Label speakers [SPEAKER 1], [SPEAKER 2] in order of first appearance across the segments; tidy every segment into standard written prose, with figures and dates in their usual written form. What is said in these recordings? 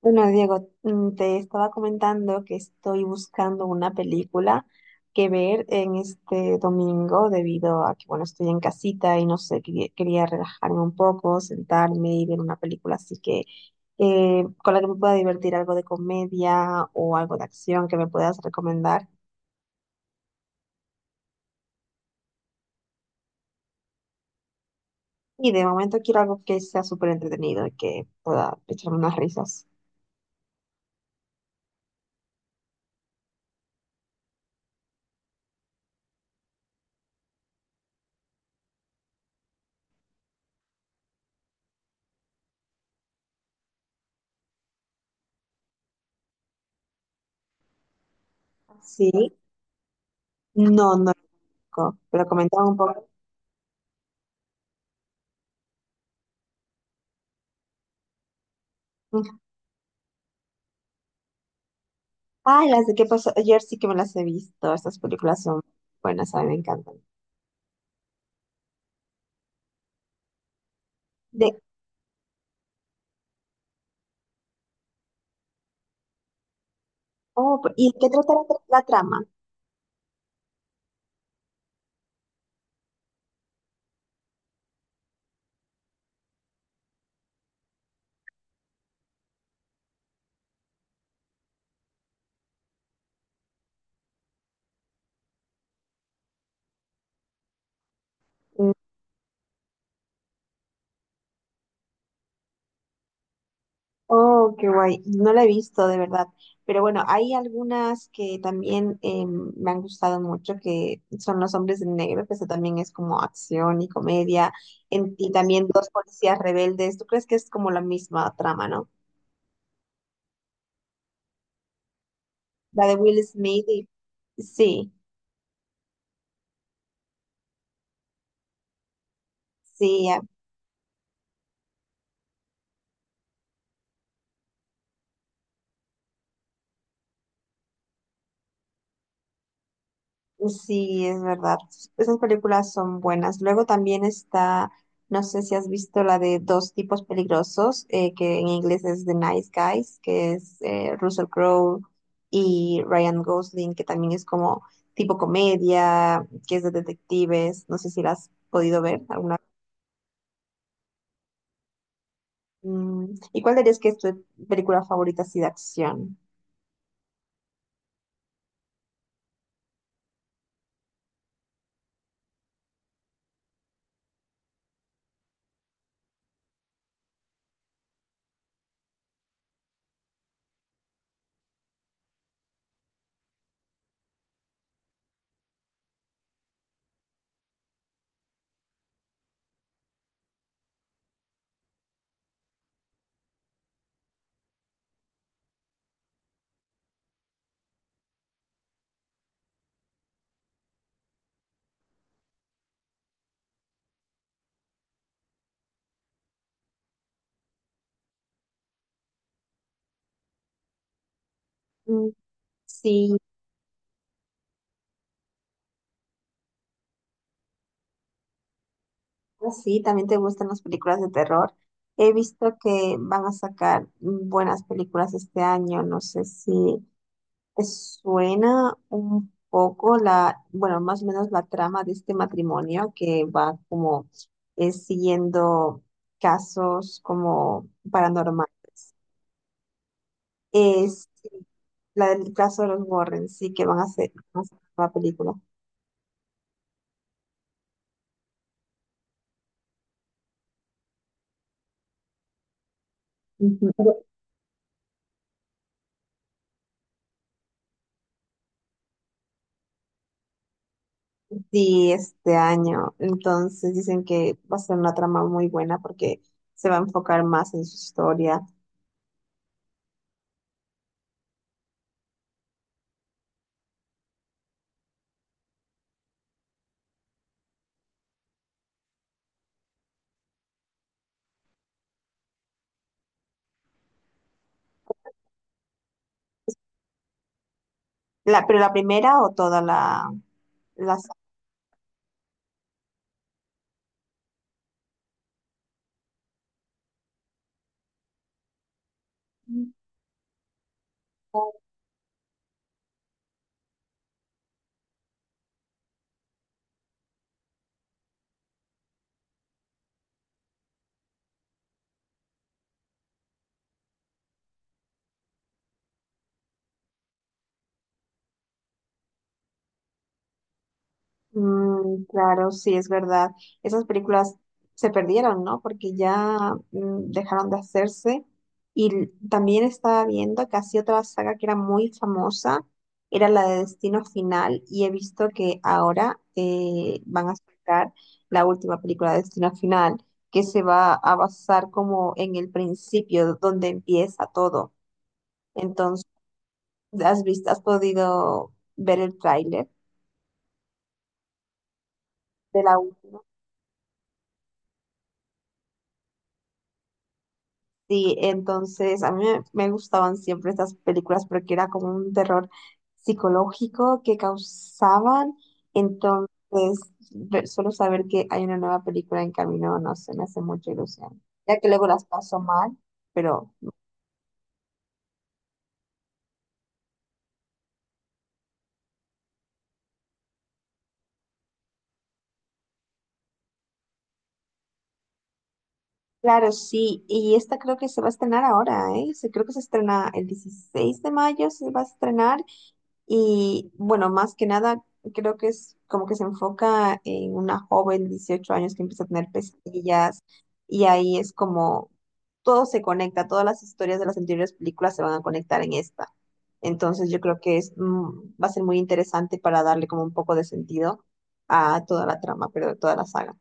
[SPEAKER 1] Bueno, Diego, te estaba comentando que estoy buscando una película que ver en este domingo debido a que, bueno, estoy en casita y no sé, quería relajarme un poco, sentarme y ver una película así que con la que me pueda divertir algo de comedia o algo de acción que me puedas recomendar. Y de momento quiero algo que sea súper entretenido y que pueda echarme unas risas. Sí, no, no, pero comentaba un poco. Ay, las de qué pasó ayer sí que me las he visto. Estas películas son buenas, a mí me encantan. De, oh, ¿y de qué trata la trama? Mm. Oh, qué guay. No la he visto, de verdad. Pero bueno, hay algunas que también me han gustado mucho, que son Los Hombres en Negro, que eso también es como acción y comedia, y también Dos Policías Rebeldes. ¿Tú crees que es como la misma trama, no? La de Will Smith y... Sí, sí, sí, es verdad. Esas películas son buenas. Luego también está, no sé si has visto la de Dos tipos peligrosos, que en inglés es The Nice Guys, que es Russell Crowe y Ryan Gosling, que también es como tipo comedia, que es de detectives. No sé si la has podido ver alguna vez. ¿Y cuál dirías que es tu película favorita así de acción? Mm. Sí. Ah, sí, también te gustan las películas de terror. He visto que van a sacar buenas películas este año. No sé si te suena un poco la, bueno, más o menos la trama de este matrimonio que va como siguiendo casos como paranormales. Es sí, la del caso de los Warren, sí, que van a hacer una película. Ujú. Sí, este año. Entonces dicen que va a ser una trama muy buena porque se va a enfocar más en su historia. Pero la primera o toda la saga? Mm, claro, sí, es verdad. Esas películas se perdieron, ¿no? Porque ya dejaron de hacerse. Y también estaba viendo que así otra saga que era muy famosa, era la de Destino Final, y he visto que ahora van a sacar la última película de Destino Final, que se va a basar como en el principio, donde empieza todo. Entonces, has podido ver el tráiler de la Sí, entonces a mí me gustaban siempre estas películas porque era como un terror psicológico que causaban. Entonces, solo saber que hay una nueva película en camino, no sé, me hace mucha ilusión. Ya que luego las paso mal, pero claro, sí. Y esta creo que se va a estrenar ahora, ¿eh? Creo que se estrena el 16 de mayo, se va a estrenar. Y bueno, más que nada, creo que es como que se enfoca en una joven de 18 años que empieza a tener pesadillas y ahí es como todo se conecta, todas las historias de las anteriores películas se van a conectar en esta. Entonces yo creo que es, va a ser muy interesante para darle como un poco de sentido a toda la trama, pero de toda la saga.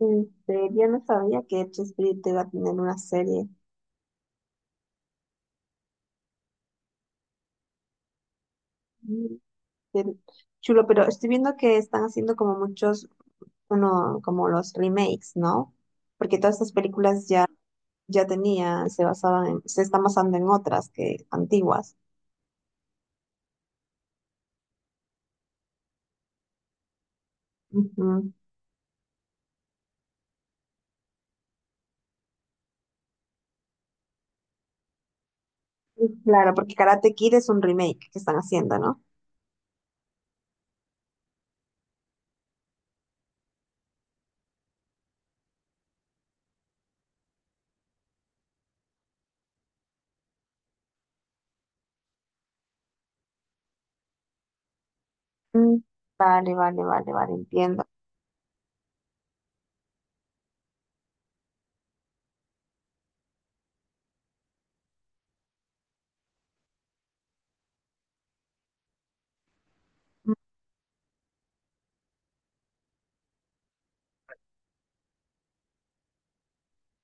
[SPEAKER 1] En serio, no sabía que Chespirito iba a tener una serie. Mm, Qué chulo, pero estoy viendo que están haciendo como muchos como los remakes, ¿no? Porque todas estas películas ya, ya tenían, se están basando en otras que antiguas. Ujú. Claro, porque Karate Kid es un remake que están haciendo, ¿no? Mm. Vale, vale, vale, vale, entiendo.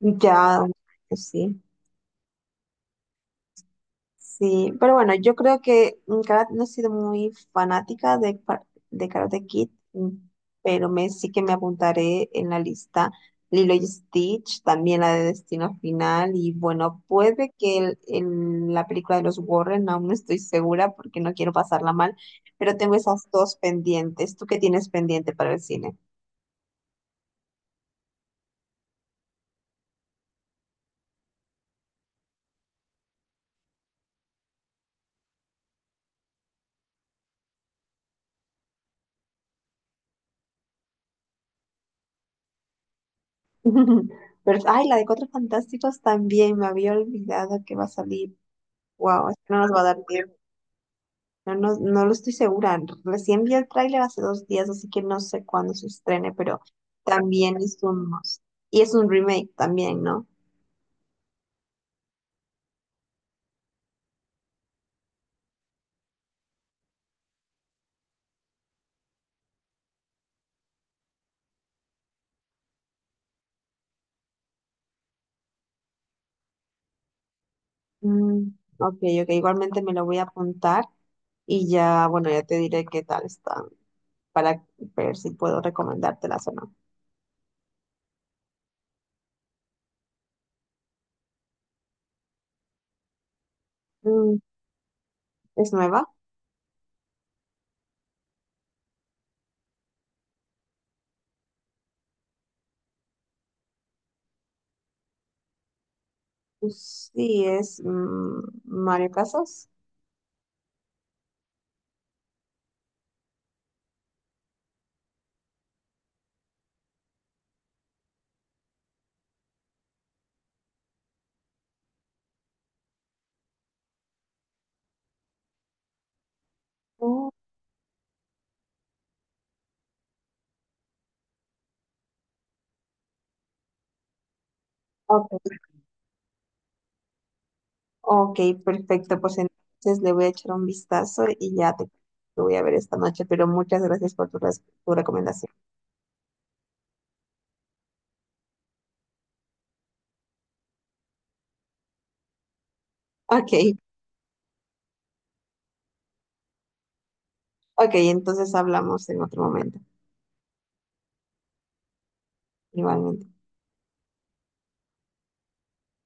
[SPEAKER 1] Ya, pues sí. Sí, pero bueno, yo creo que nunca no he sido muy fanática de, de Karate Kid, pero sí que me apuntaré en la lista Lilo y Stitch, también la de Destino Final, y bueno, puede que la película de los Warren, aún no estoy segura porque no quiero pasarla mal, pero tengo esas dos pendientes. ¿Tú qué tienes pendiente para el cine? Pero, ay, la de Cuatro Fantásticos también, me había olvidado que va a salir. Wow, no nos va a dar tiempo. No, no, no lo estoy segura. Recién vi el tráiler hace dos días, así que no sé cuándo se estrene, pero también es un must. Y es un remake también, ¿no? Mm, ok. Ok, igualmente me lo voy a apuntar y ya, bueno, ya te diré qué tal están para ver si puedo recomendártelas o no. Mm, ¿es nueva? Pues sí, es Mario Casas. Mm, ok. Ok, perfecto. Pues entonces le voy a echar un vistazo y ya te voy a ver esta noche, pero muchas gracias por tu recomendación. Ok, ok, entonces hablamos en otro momento. Igualmente.